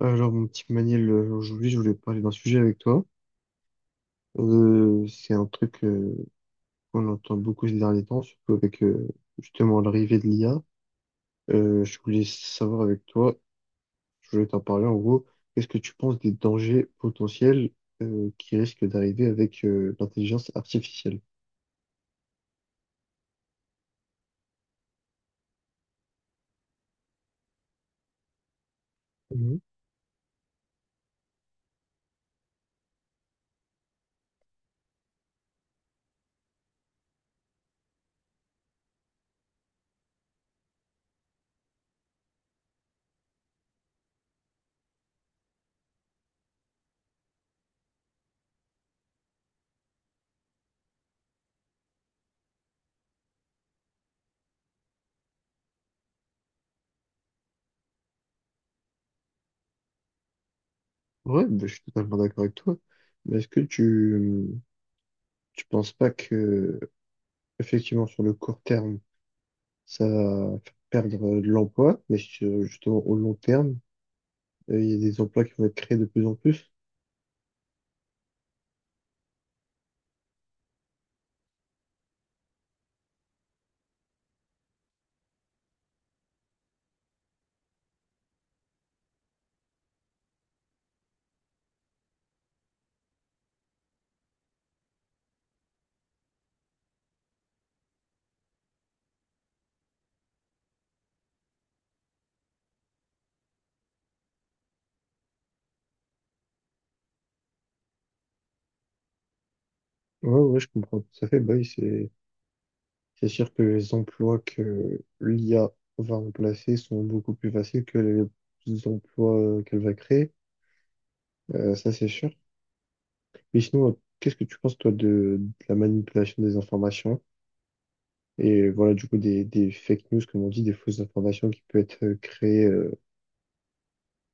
Alors, mon petit Maniel, aujourd'hui, je voulais parler d'un sujet avec toi. C'est un truc qu'on entend beaucoup ces derniers temps, surtout avec justement l'arrivée de l'IA. Je voulais savoir avec toi, je voulais t'en parler en gros, qu'est-ce que tu penses des dangers potentiels qui risquent d'arriver avec l'intelligence artificielle? Mhm. Ouais, bah, je suis totalement d'accord avec toi. Mais est-ce que tu penses pas que effectivement sur le court terme ça va faire perdre de l'emploi, mais justement au long terme. Il y a des emplois qui vont être créés de plus en plus. Ouais, ouais, je comprends tout à fait. Bah oui, c'est sûr que les emplois que l'IA va remplacer sont beaucoup plus faciles que les emplois qu'elle va créer. Ça, c'est sûr. Mais sinon, qu'est-ce que tu penses, toi, de la manipulation des informations et voilà, du coup, des fake news, comme on dit, des fausses informations qui peuvent être créées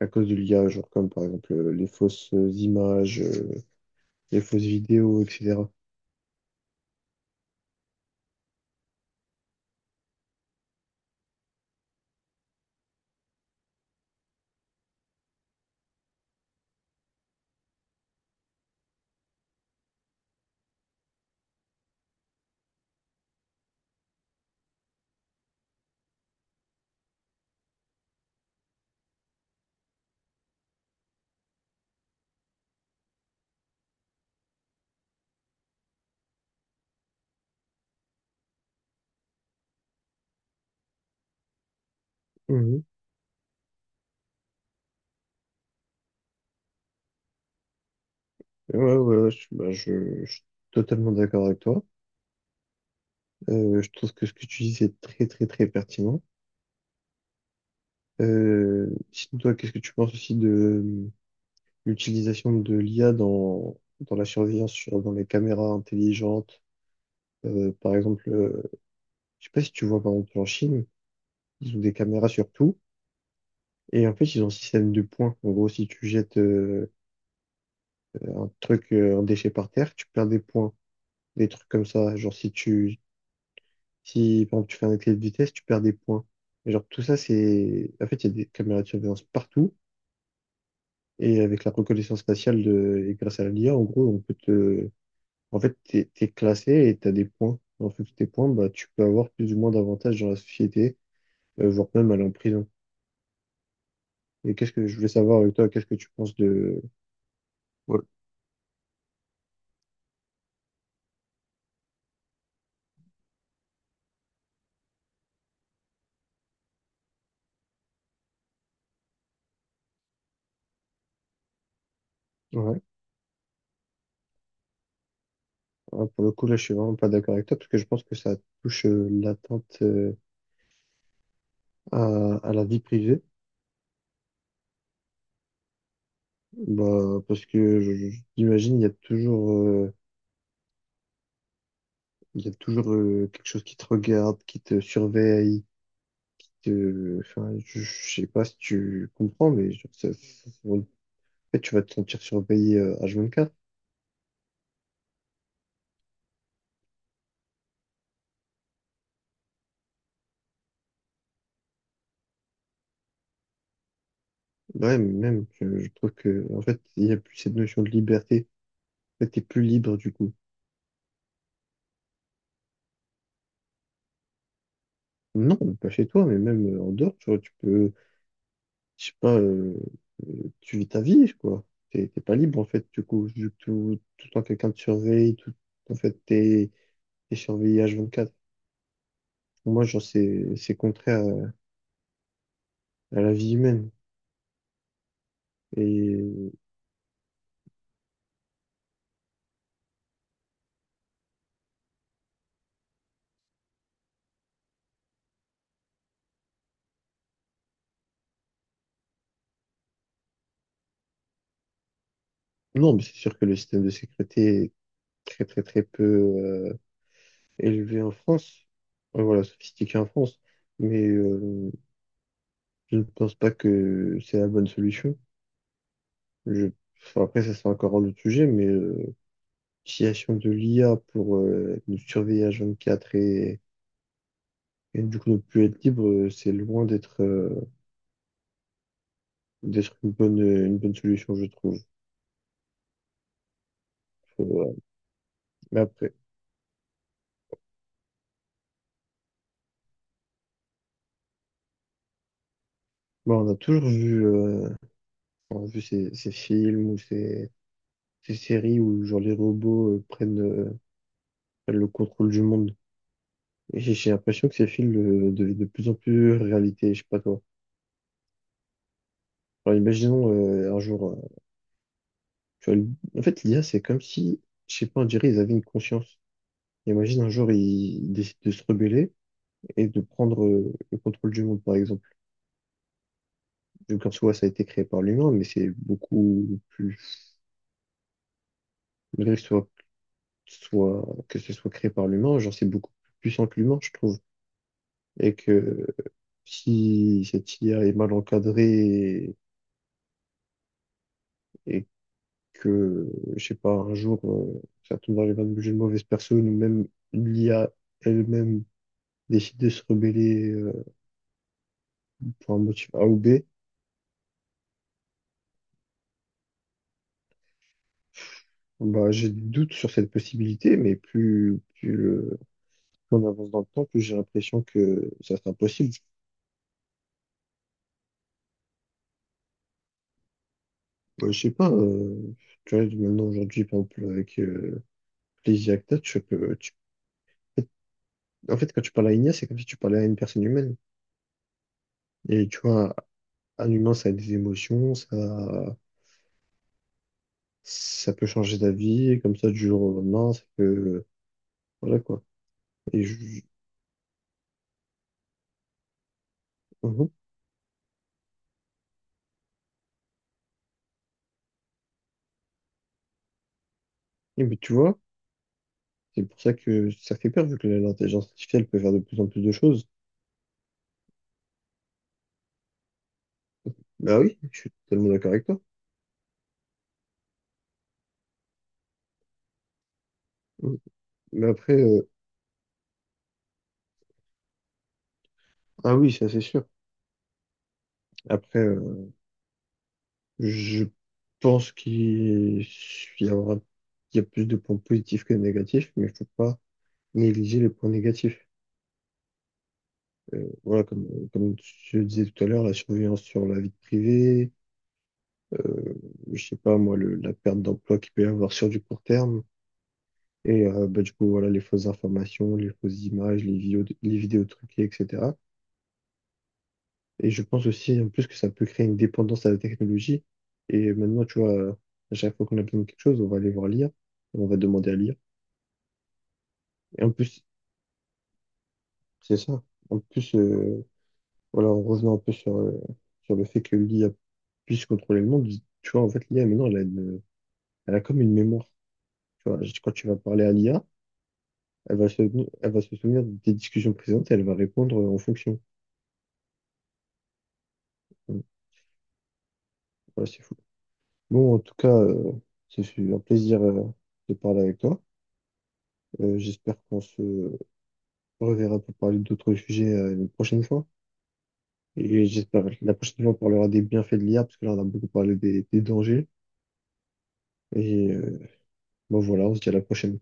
à cause de l'IA, genre comme par exemple les fausses images, les fausses vidéos, etc. Ouais, ouais, ouais, bah, je suis totalement d'accord avec toi. Je trouve que ce que tu dis, c'est très, très, très pertinent. Sinon, toi, qu'est-ce que tu penses aussi de l'utilisation de l'IA dans la surveillance, dans les caméras intelligentes? Par exemple, je sais pas si tu vois, par exemple, en Chine, ils ont des caméras sur tout. Et en fait, ils ont un système de points. En gros, si tu jettes un truc, un déchet par terre, tu perds des points. Des trucs comme ça. Genre, si, par exemple, tu fais un excès de vitesse, tu perds des points. Et genre, tout ça. En fait, il y a des caméras de surveillance partout. Et avec la reconnaissance faciale et grâce à la l'IA, en gros, on peut te. En fait, t'es classé et t'as des points. En fait, tes points, bah, tu peux avoir plus ou moins d'avantages dans la société, voire même aller en prison. Et qu'est-ce que je voulais savoir avec toi, qu'est-ce que tu penses de. Ouais. Ouais. Ah, pour le coup, là, je suis vraiment pas d'accord avec toi, parce que je pense que ça touche l'atteinte à, à la vie privée. Bah, parce que j'imagine, il y a toujours quelque chose qui te regarde, qui te surveille. Enfin, je sais pas si tu comprends, mais en fait, tu vas te sentir surveillé H24. Ouais, mais même, je trouve que, en fait, il n'y a plus cette notion de liberté. En fait, t'es plus libre du coup. Non, pas chez toi, mais même en dehors, tu vois, tu peux, je sais pas, tu vis ta vie, quoi. T'es pas libre, en fait, du coup, vu que tout le temps quelqu'un te surveille, tout, en fait, t'es surveillé H24. Pour moi, genre, c'est contraire à la vie humaine. Et non, mais c'est sûr que le système de sécurité est très, très, très peu élevé en France, voilà, sophistiqué en France, mais je ne pense pas que c'est la bonne solution. Je... enfin, après, ça, c'est encore un autre sujet, mais l'utilisation de l'IA pour nous surveiller à 24 et du coup ne plus être libre, c'est loin d'être d'être une bonne solution, je trouve. Faut, euh, Mais après, bon, on a toujours vu, on a vu ces films ou ces séries où genre les robots prennent le contrôle du monde. Et j'ai l'impression que ces films deviennent de plus en plus réalité, je sais pas toi. Alors imaginons un jour, tu vois, en fait l'IA c'est comme si, je sais pas, on dirait ils avaient une conscience. Imagine un jour ils décident de se rebeller et de prendre le contrôle du monde par exemple. Donc en soi ça a été créé par l'humain, mais c'est beaucoup plus, malgré que ce soit créé par l'humain, genre c'est beaucoup plus puissant que l'humain je trouve. Et que si cette IA est mal encadrée et que, je sais pas, un jour, ça tombe dans les mains d'une mauvaise personne ou même l'IA elle-même décide de se rebeller pour un motif A ou B, bah, j'ai des doutes sur cette possibilité, mais plus on avance dans le temps, plus j'ai l'impression que ça c'est impossible. Bah, je sais pas, tu vois, maintenant aujourd'hui, par exemple, avec les IA que t'as, en fait, quand tu parles à une IA, c'est comme si tu parlais à une personne humaine. Et tu vois, un humain, ça a des émotions, ça peut changer d'avis, comme ça, du jour au lendemain, voilà quoi. Et je- Mhm. Et mais tu vois, c'est pour ça que ça fait peur, vu que l'intelligence artificielle peut faire de plus en plus de choses. Bah oui, je suis totalement d'accord avec toi. Mhm. Mais après, ah oui, ça c'est sûr. Après, je pense qu'il y aura, il y a plus de points positifs que de négatifs, mais il faut pas négliger les points négatifs. Voilà, comme je le disais tout à l'heure, la surveillance sur la vie privée, euh, je sais pas moi, la perte d'emploi qu'il peut y avoir sur du court terme, et bah, du coup, voilà, les fausses informations, les fausses images, les vidéos truquées, etc. Et je pense aussi en plus que ça peut créer une dépendance à la technologie. Et maintenant, tu vois, à chaque fois qu'on a besoin de quelque chose, on va aller voir lire, on va demander à lire. Et en plus, c'est ça. En plus, voilà, on revenait un peu sur le fait que l'IA puisse contrôler le monde. Tu vois, en fait, l'IA, maintenant, elle a comme une mémoire. Tu vois, quand tu vas parler à l'IA, elle va se, elle va se souvenir des discussions présentes et elle va répondre en fonction. Donc, voilà, c'est fou. Bon, en tout cas, ce fut un plaisir, de parler avec toi. J'espère qu'on se reverra pour parler d'autres sujets, une prochaine fois. Et j'espère que la prochaine fois, on parlera des bienfaits de l'IA, parce que là, on a beaucoup parlé des dangers. Et, bon, voilà, on se dit à la prochaine.